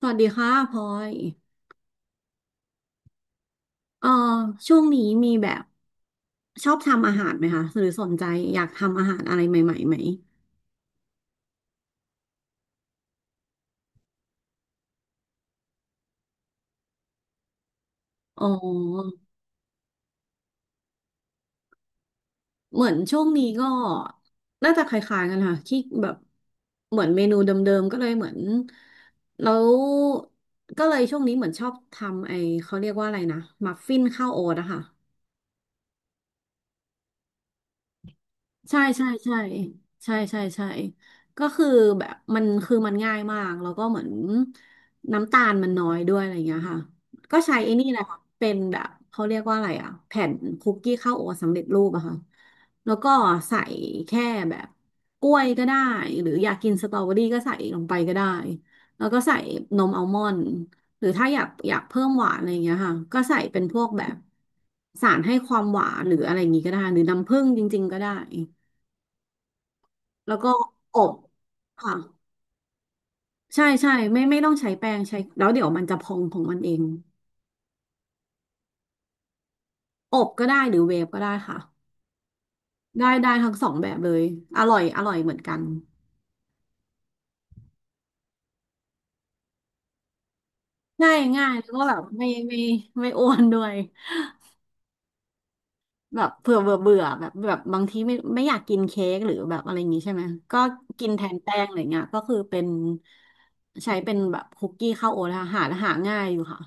สวัสดีค่ะพลอยเอ่อช่วงนี้มีแบบชอบทำอาหารไหมคะหรือสนใจอยากทำอาหารอะไรใหม่ๆไหมอ๋อเหมือนช่วงนี้ก็น่าจะคล้ายๆกันค่ะที่แบบเหมือนเมนูเดิมๆก็เลยเหมือนแล้วก็เลยช่วงนี้เหมือนชอบทำไอ้เขาเรียกว่าอะไรนะมัฟฟินข้าวโอ๊ตอะค่ะ ใช่ใช่ใช่ใช่ใช่ใช่ก็คือแบบมันคือมันง่ายมากแล้วก็เหมือนน้ำตาลมันน้อยด้วยอะไรเงี้ยค่ะก็ใช้ไอ้นี่แหละค่ะเป็นแบบเขาเรียกว่าอะไรอะแผ่นคุกกี้ข้าวโอ๊ตสำเร็จรูปอะค่ะแล้วก็ใส่แค่แบบกล้วยก็ได้หรืออยากกินสตรอเบอรี่ก็ใส่ลงไปก็ได้แล้วก็ใส่นมอัลมอนด์หรือถ้าอยากเพิ่มหวานอะไรอย่างเงี้ยค่ะก็ใส่เป็นพวกแบบสารให้ความหวานหรืออะไรอย่างงี้ก็ได้หรือน้ำผึ้งจริงๆก็ได้ แล้วก็อบค่ะใช่ใช่ไม่ต้องใช้แป้งใช้แล้วเดี๋ยวมันจะพองของมันเองอบก็ได้หรือเวฟก็ได้ค่ะได้ได้ทั้งสองแบบเลยอร่อยอร่อยเหมือนกันง่ายง่ายแล้วก็แบบไม่อ้วนด้วยแบบเผื่อเบื่อเบื่อแบบบางทีไม่อยากกินเค้กหรือแบบอะไรอย่างงี้ใช่ไหมก็กินแทนแป้งอะไรเงี้ยก็คือเป็นใช้เป็นแบบคุกกี้ข้าวโอ๊ตค่ะหาง่ายอยู่ค่ะ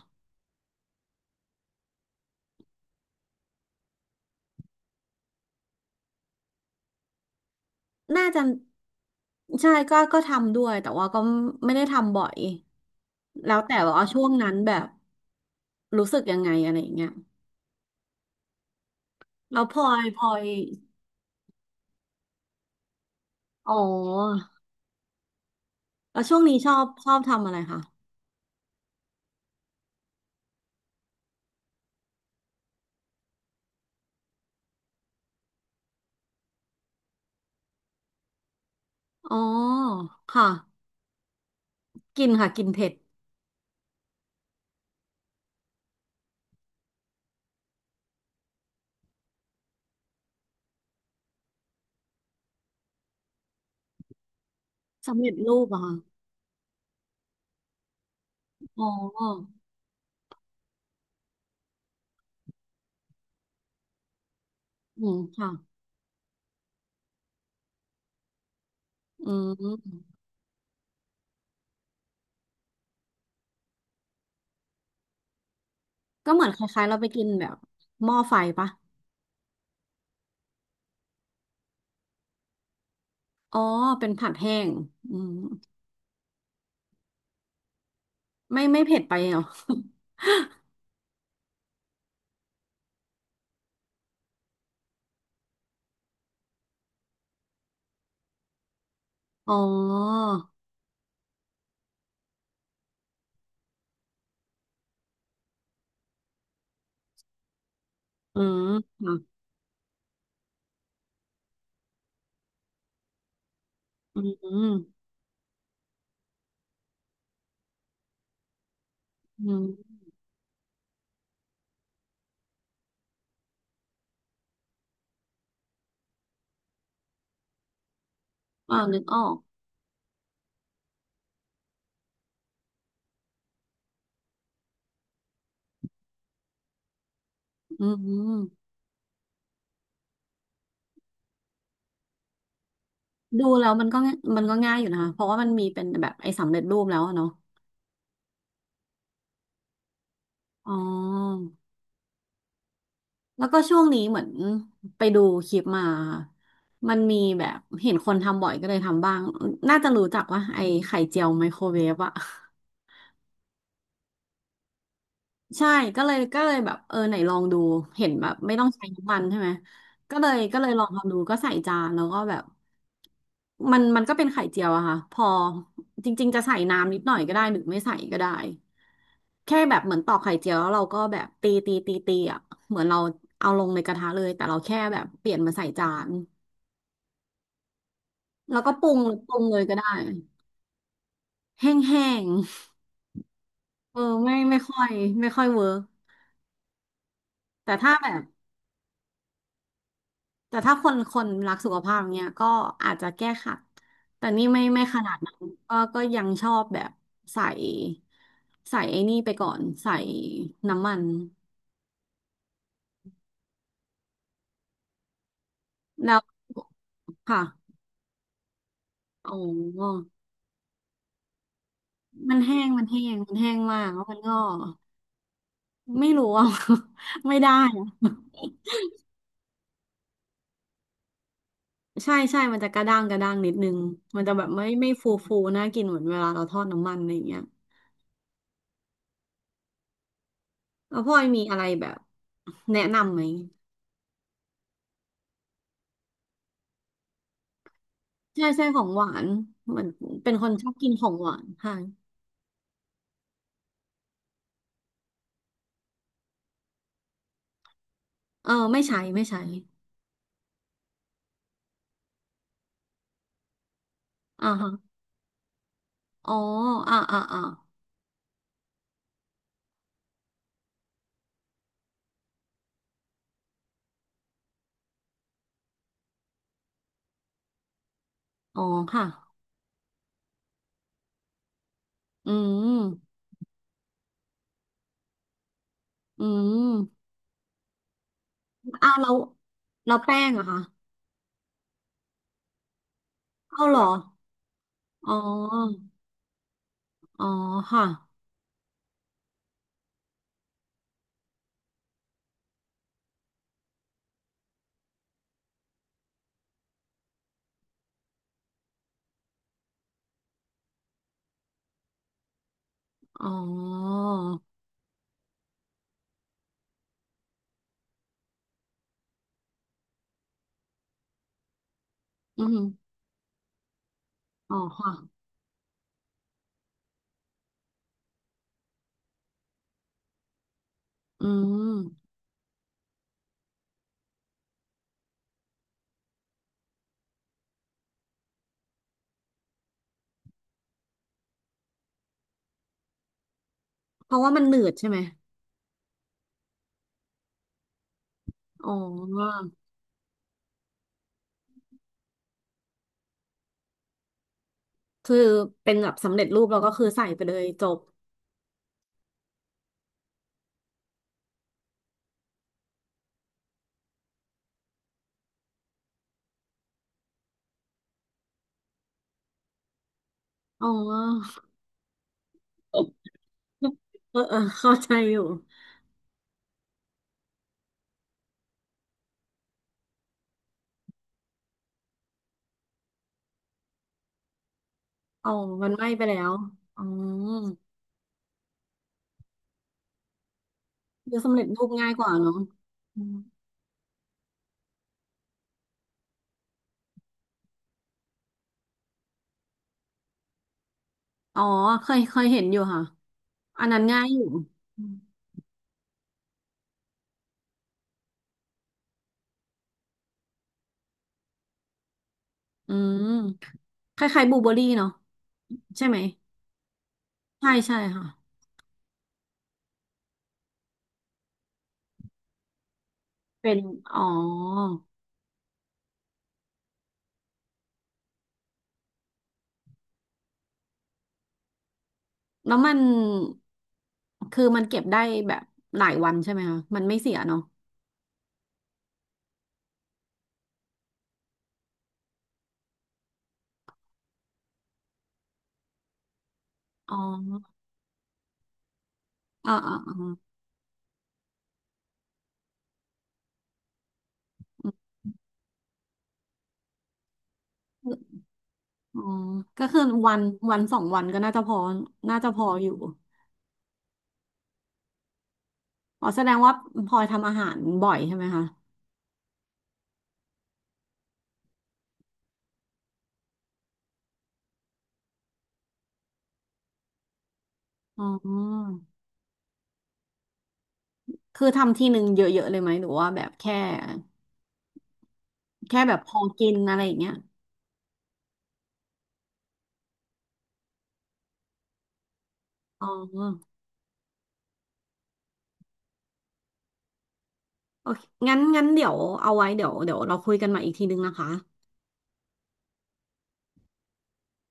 น่าจะใช่ก็ทำด้วยแต่ว่าก็ไม่ได้ทำบ่อยแล้วแต่ว่าช่วงนั้นแบบรู้สึกยังไงอะไรอย่างเงี้ยแล้วพลอยอ๋อแล้วช่วงนี้ชอบทำอะไรคะอ๋อค่ะกินค่ะกินเผ็ดสำเร็จรูปอะค่ะอ๋ออืมค่ะอืมก็เหมือนคล้ายๆเราไปกินแบบหม้อไฟปะอ๋อเป็นผัดแห้งอืมไม่เผ็ดไปเหรอ อ๋ออืม อืมอืมอ่านึกออกอืมดูแล้วมันก็ง่ายมันก็ง่ายอยู่นะคะเพราะว่ามันมีเป็นแบบไอ้สำเร็จรูปแล้วอะเนาะอ๋อแล้วก็ช่วงนี้เหมือนไปดูคลิปมามันมีแบบเห็นคนทำบ่อยก็เลยทำบ้างน่าจะรู้จักว่าไอ้ไข่เจียวไมโครเวฟอะ ใช่ก็เลยแบบเออไหนลองดูเห็นแบบไม่ต้องใช้น้ำมันใช่ไหมก็เลยลองทำดูก็ใส่จานแล้วก็แบบมันมันก็เป็นไข่เจียวอะค่ะพอจริงๆจะใส่น้ำนิดหน่อยก็ได้หรือไม่ใส่ก็ได้แค่แบบเหมือนตอกไข่เจียวแล้วเราก็แบบตีตีตีตีอะเหมือนเราเอาลงในกระทะเลยแต่เราแค่แบบเปลี่ยนมาใส่จานแล้วก็ปรุงปรุงเลยก็ได้แห้งๆเออไม่ค่อยเวิร์กแต่ถ้าแบบ แต่ถ้าคนรักสุขภาพเนี่ยก็อาจจะแก้ขัดแต่นี่ไม่ขนาดนั้นก็ยังชอบแบบใส่ใส่ไอ้นี่ไปก่อนใส่น้ำมันแล้วค่ะโอ้มันแห้งมากแล้วมันก็ไม่รู้อ่ะ ไม่ได้อะใช่ใช่มันจะกระด้างกระด้างนิดนึงมันจะแบบไม่ฟูฟูน่ากินเหมือนเวลาเราทอดน้ำมันอะไรอย่างเงี้ยแล้วพ่อยมีอะไรแบบแนะนำไหม ใช่ใช่ของหวานเหมือนเป็นคนชอบกินของหวานค่ะเออไม่ใช้อ่าฮะอ๋ออ่าอ่าอ่าอ๋อค่ะอืมอืมอ้าวแล้วแล้วแป้งเหรอะคะเอาเหรออ๋ออ๋อค่ะอ๋ออืมอ๋อค่ะอืมเพราะว่ามันหนืดใช่ไหมอ๋อคือเป็นแบบสำเร็จรูปแล้วก็คือใส่ไปเลยจบอ๋อ เออเออเข้าใจอยู่ อ๋อมันไหม้ไปแล้วอ๋อเดี๋ยวสำเร็จรูปง่ายกว่าเนาะอมอ๋อเคยเห็นอยู่ค่ะ อันนั้นง่ายอยู่อืมอืมคล้ายๆบลูเบอร์รี่เนาะใช่ไหม ใช่ใช่ค่ะ เป็นอ๋อแล้วมันคือมันเก็บได้แบบหลายวันใช่ไหมคะ มันไม่เสียเนาะอ๋ออ่าอ่าอ่าอ๋อก็คือวันวันสองวันก็น่าจะพอน่าจะพออยู่อ๋อแสดงว่าพลอยทำอาหารบ่อยใช่ไหมคะ อ๋อคือทำทีหนึ่งเยอะๆเลยไหมหรือว่าแบบแค่แบบพอกินอะไรอย่างเงี้ยอ๋อโอเค งั้นเดี๋ยวเอาไว้เดี๋ยวเราคุยกันใหม่อีกทีนึงนะคะ